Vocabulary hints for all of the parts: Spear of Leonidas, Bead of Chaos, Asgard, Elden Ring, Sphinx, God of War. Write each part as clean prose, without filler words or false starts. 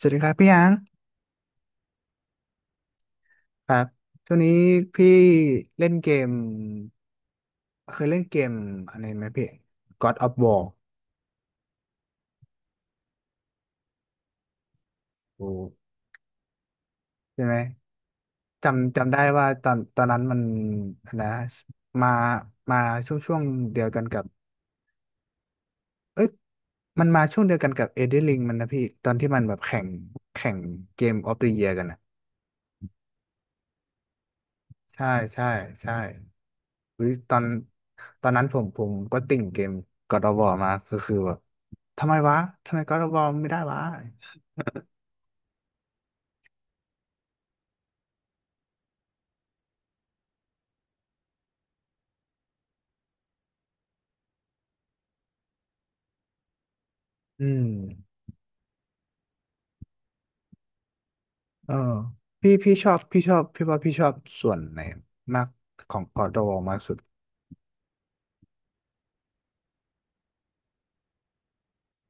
สวัสดีครับพี่ยังครับช่วงนี้พี่เล่นเกมเคยเล่นเกมอะไรไหมพี่ God of War โอ้ใช่ไหมจำได้ว่าตอนนั้นมันอันนะมามาช่วงเดียวกันกับเอ้ยมันมาช่วงเดียวกันกับ Elden Ring มันนะพี่ตอนที่มันแบบแข่งเกม of the Year กันนะใช่ใช่ใช่อุ๊ยตอนนั้นผมก็ติ่งเกม God of War มาก็คือแบบทำไมวะทำไม God of War ไม่ได้วะ อืมเออพี่ว่าพี่ชอบส่วนไหนมากของกอดอวมากสุด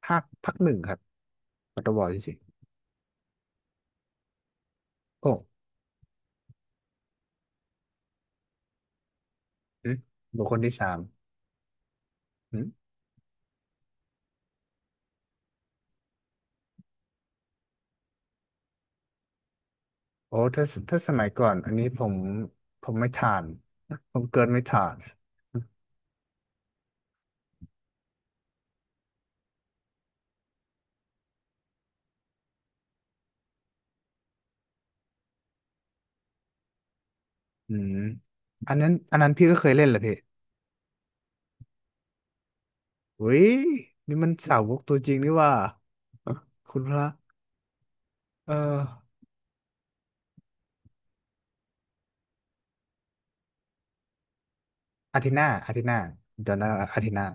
ภาคหนึ่งครับกอดอวจริงๆโอ้อืมบุคคลที่สามอืมโอ้ถ้าถ้าสมัยก่อนอันนี้ผมไม่ทานผมเกินไม่ทานอืมอันนั้นพี่ก็เคยเล่นแหละพี่เฮ้ยนี่มันสาวกตัวจริงนี่ว่าคุณพระเอออาทิตย์หน้าเดี๋ยวนะอาทิตย์หน้า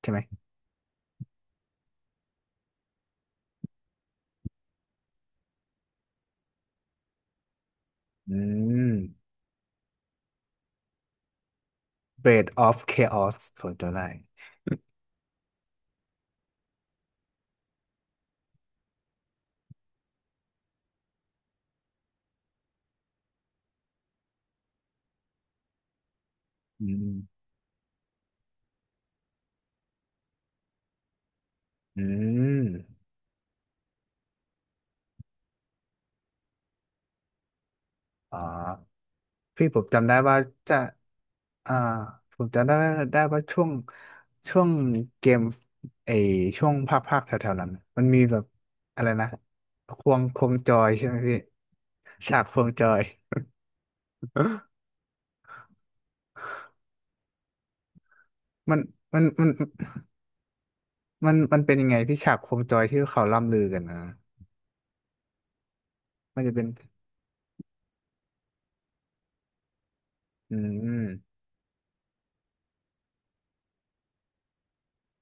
ใช่ไหมอืม b e a d of Chaos ผมจำได้อืมอืมอ๋อพี่ผมจำได้ว่าจะอ่าผมจำได้ได้ว่าช่วงเกมไอช่วงภาคแถวๆนั้น มันมีแบบอะไรนะ ควงจอยใช่ไหมพี่ฉากควงจอย มันมันมัน มันเป็นยังไงพี่ฉากโคมจอยที่เขาล่ำลือกันนะมันจะเป็นอืม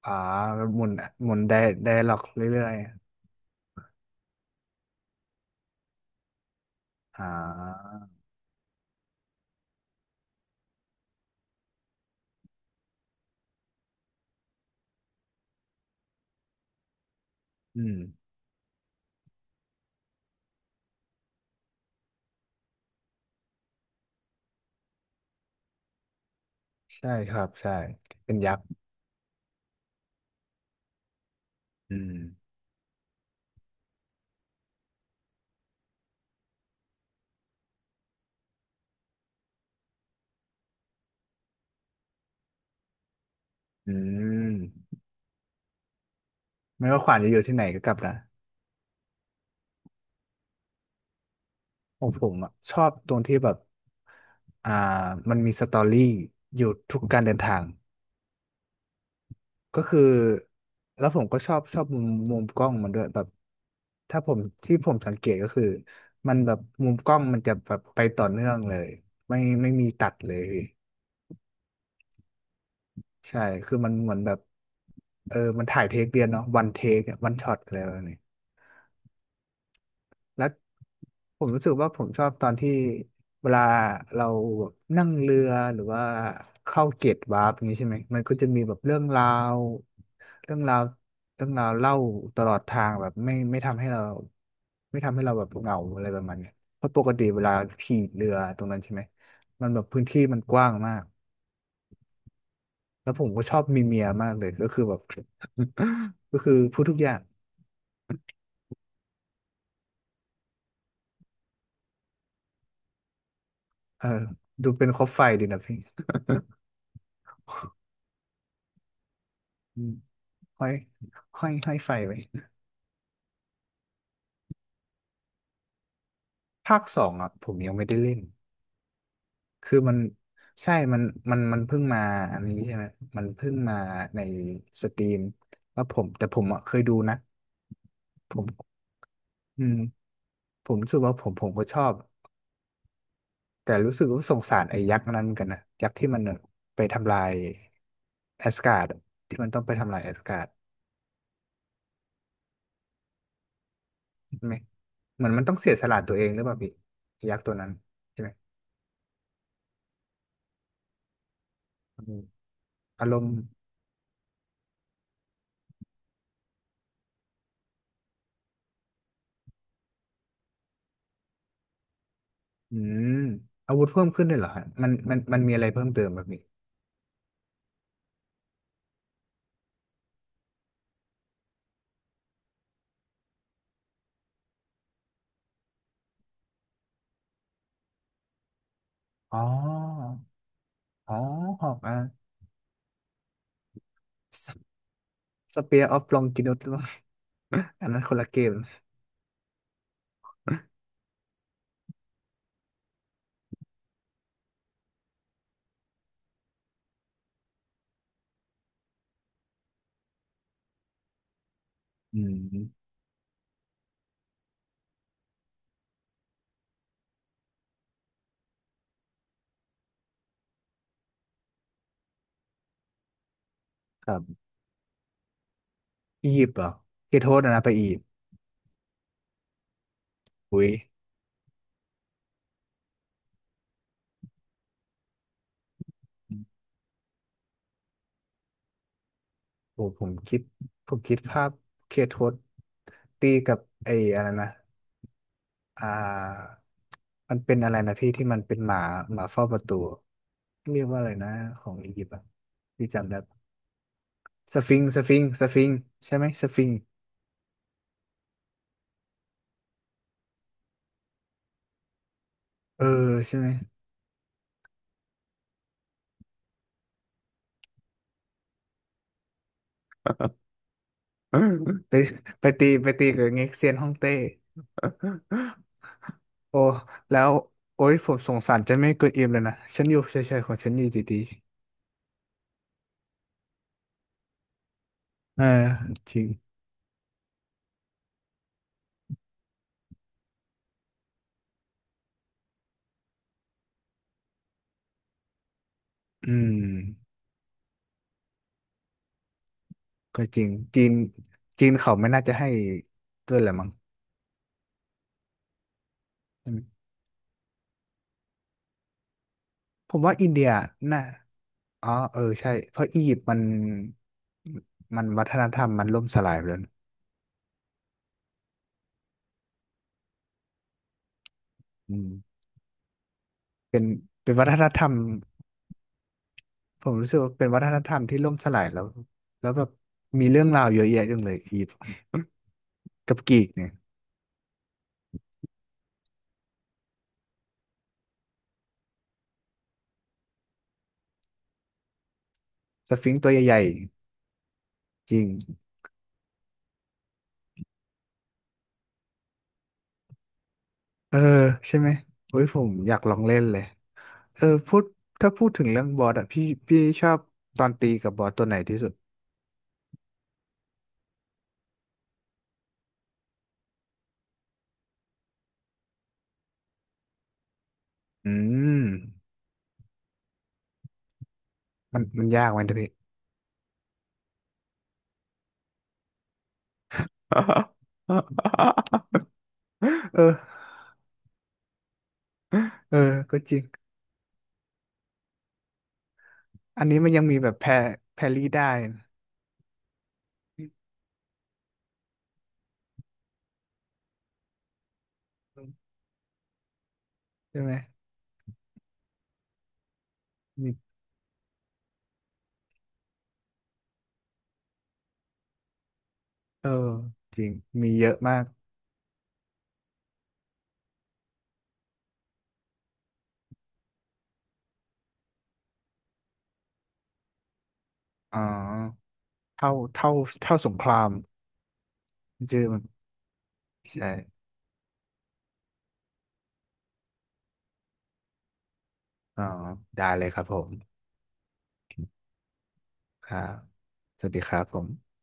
อ่าหมุนหมุนไดล็อกเรื่อยๆอืมใช่ครับใช่เป็นยักษ์อืมอืมไม่ว่าขวานจะอยู่ที่ไหนก็กลับนะผมอะชอบตรงที่แบบอ่ามันมีสตอรี่อยู่ทุกการเดินทาง ก็คือแล้วผมก็ชอบมุมกล้องมันด้วยแบบถ้าผมที่ผมสังเกตก็คือมันแบบมุมกล้องมันจะแบบไปต่อเนื่องเลยไม่มีตัดเลยใช่คือมันเหมือนแบบเออมันถ่ายเทคเดียวเนาะวันเทควันช็อตอะไรแบบนี้ แล้วผมรู้สึกว่าผมชอบตอนที่เวลาเรานั่งเรือหรือว่าเข้าเกตวาร์ปอย่างนี้ใช่ไหมมันก็จะมีแบบวเรื่องราวเรื่องราวเล่าตลอดทางแบบไม่ทำให้เราแบบเหงาอะไรประมาณเนี้ยเพราะปกติเวลาขี่เรือตรงนั้นใช่ไหมมันแบบพื้นที่มันกว้างมากแล้วผมก็ชอบมีเมียมากเลยก็คือแบบ ก็คือพูดทุกอย่างเออดูเป็นคบไฟดีนะพี่อืมห้อยห้อยห้อยไฟไว้ ภาคสองอ่ะผมยังไม่ได้เล่นคือมันใช่ มันเพิ่งมาอันนี้ใช่ไหมมันเพิ่งมาในสตรีมแล้วผมแต่ผมอ่ะเคยดูนะ ผมอืมผมรู้สึกว่าผมก็ชอบ แต่รู้สึกว่าสงสารไอ้ยักษ์นั้นเหมือนกันนะ ยักษ์ที่มันไปทำลายแอสการ์ดที่มันต้องไปทำลายแอสการ์ดใช่ไหม เหมือนมันต้องเสียสละตัวเองหรือเปล่าพี่ยักษ์ตัวนั้นใช่ไหมอืมอารมณ์ อืมอาวุธเพิ่มขึ้นด้วยเหรอฮะมันมีอะไรเพิ่มเติมแบบนี้อ๋ออ๋อหอกสเปียร์ออฟลองกินอต อันนั้นคนละเกมอืมครับอียิปต์เหรอเคโทษนะไปอียิปต์อุ้ยโอ้ผมคิดภาพเคโทษตีกับไอ้อะไรนะอ่ามันเป็นอะไรนะพี่ที่มันเป็นหมาหมาเฝ้าประตูเรียกว่าอะไรนะของอียิปต์อ่ะพี่จำได้ปะสฟิงซ์สฟิงซ์ใช่ไหมสฟิงซ์ เออใช่ไหมไปไปตีกับเง็กเซียนฮ่องเต้ โอ้แล้วโอ้ยผมสงสารเจะไม่เกินอิ่มเลยนะฉันอยู่เฉยๆของฉันอยู่ดีๆเออจริงอืมก็จริงจีนเขาไม่น่าจะให้ด้วยแหละมั้งใช่ไหมผมว่าอินเดียน่าอ๋อเออใช่เพราะอียิปต์มันมันวัฒนธรรมมันล่มสลายไปแล้วนะอืมเป็นเป็นวัฒนธรรม ผมรู้สึกว่าเป็นวัฒนธรรมที่ล่มสลายแล้วแล้วแบบมีเรื่องราวเยอะแยะจังเลยอีฟกับกรีกเนี่ยสฟิงซ์ตัวใหญ่ๆจริงเออใช่ไหมโอ้ยผมอยากลองเล่นเลยเออพูดถ้าพูดถึงเรื่องบอสอะพี่ชอบตอนตีกับบอสตัวไหนที่สุดอืมมันยากไหมนะพี่ เออเออก็จริงอันนี้มันยังมีแบบแพรรี่ได้นะใช่ไหมมีเออจริงมีเยอะมากอ๋อ เท่าเท่าสงครามชื่อมันใช่อ๋อได้เลยครับผมครับสวัสดีครับผม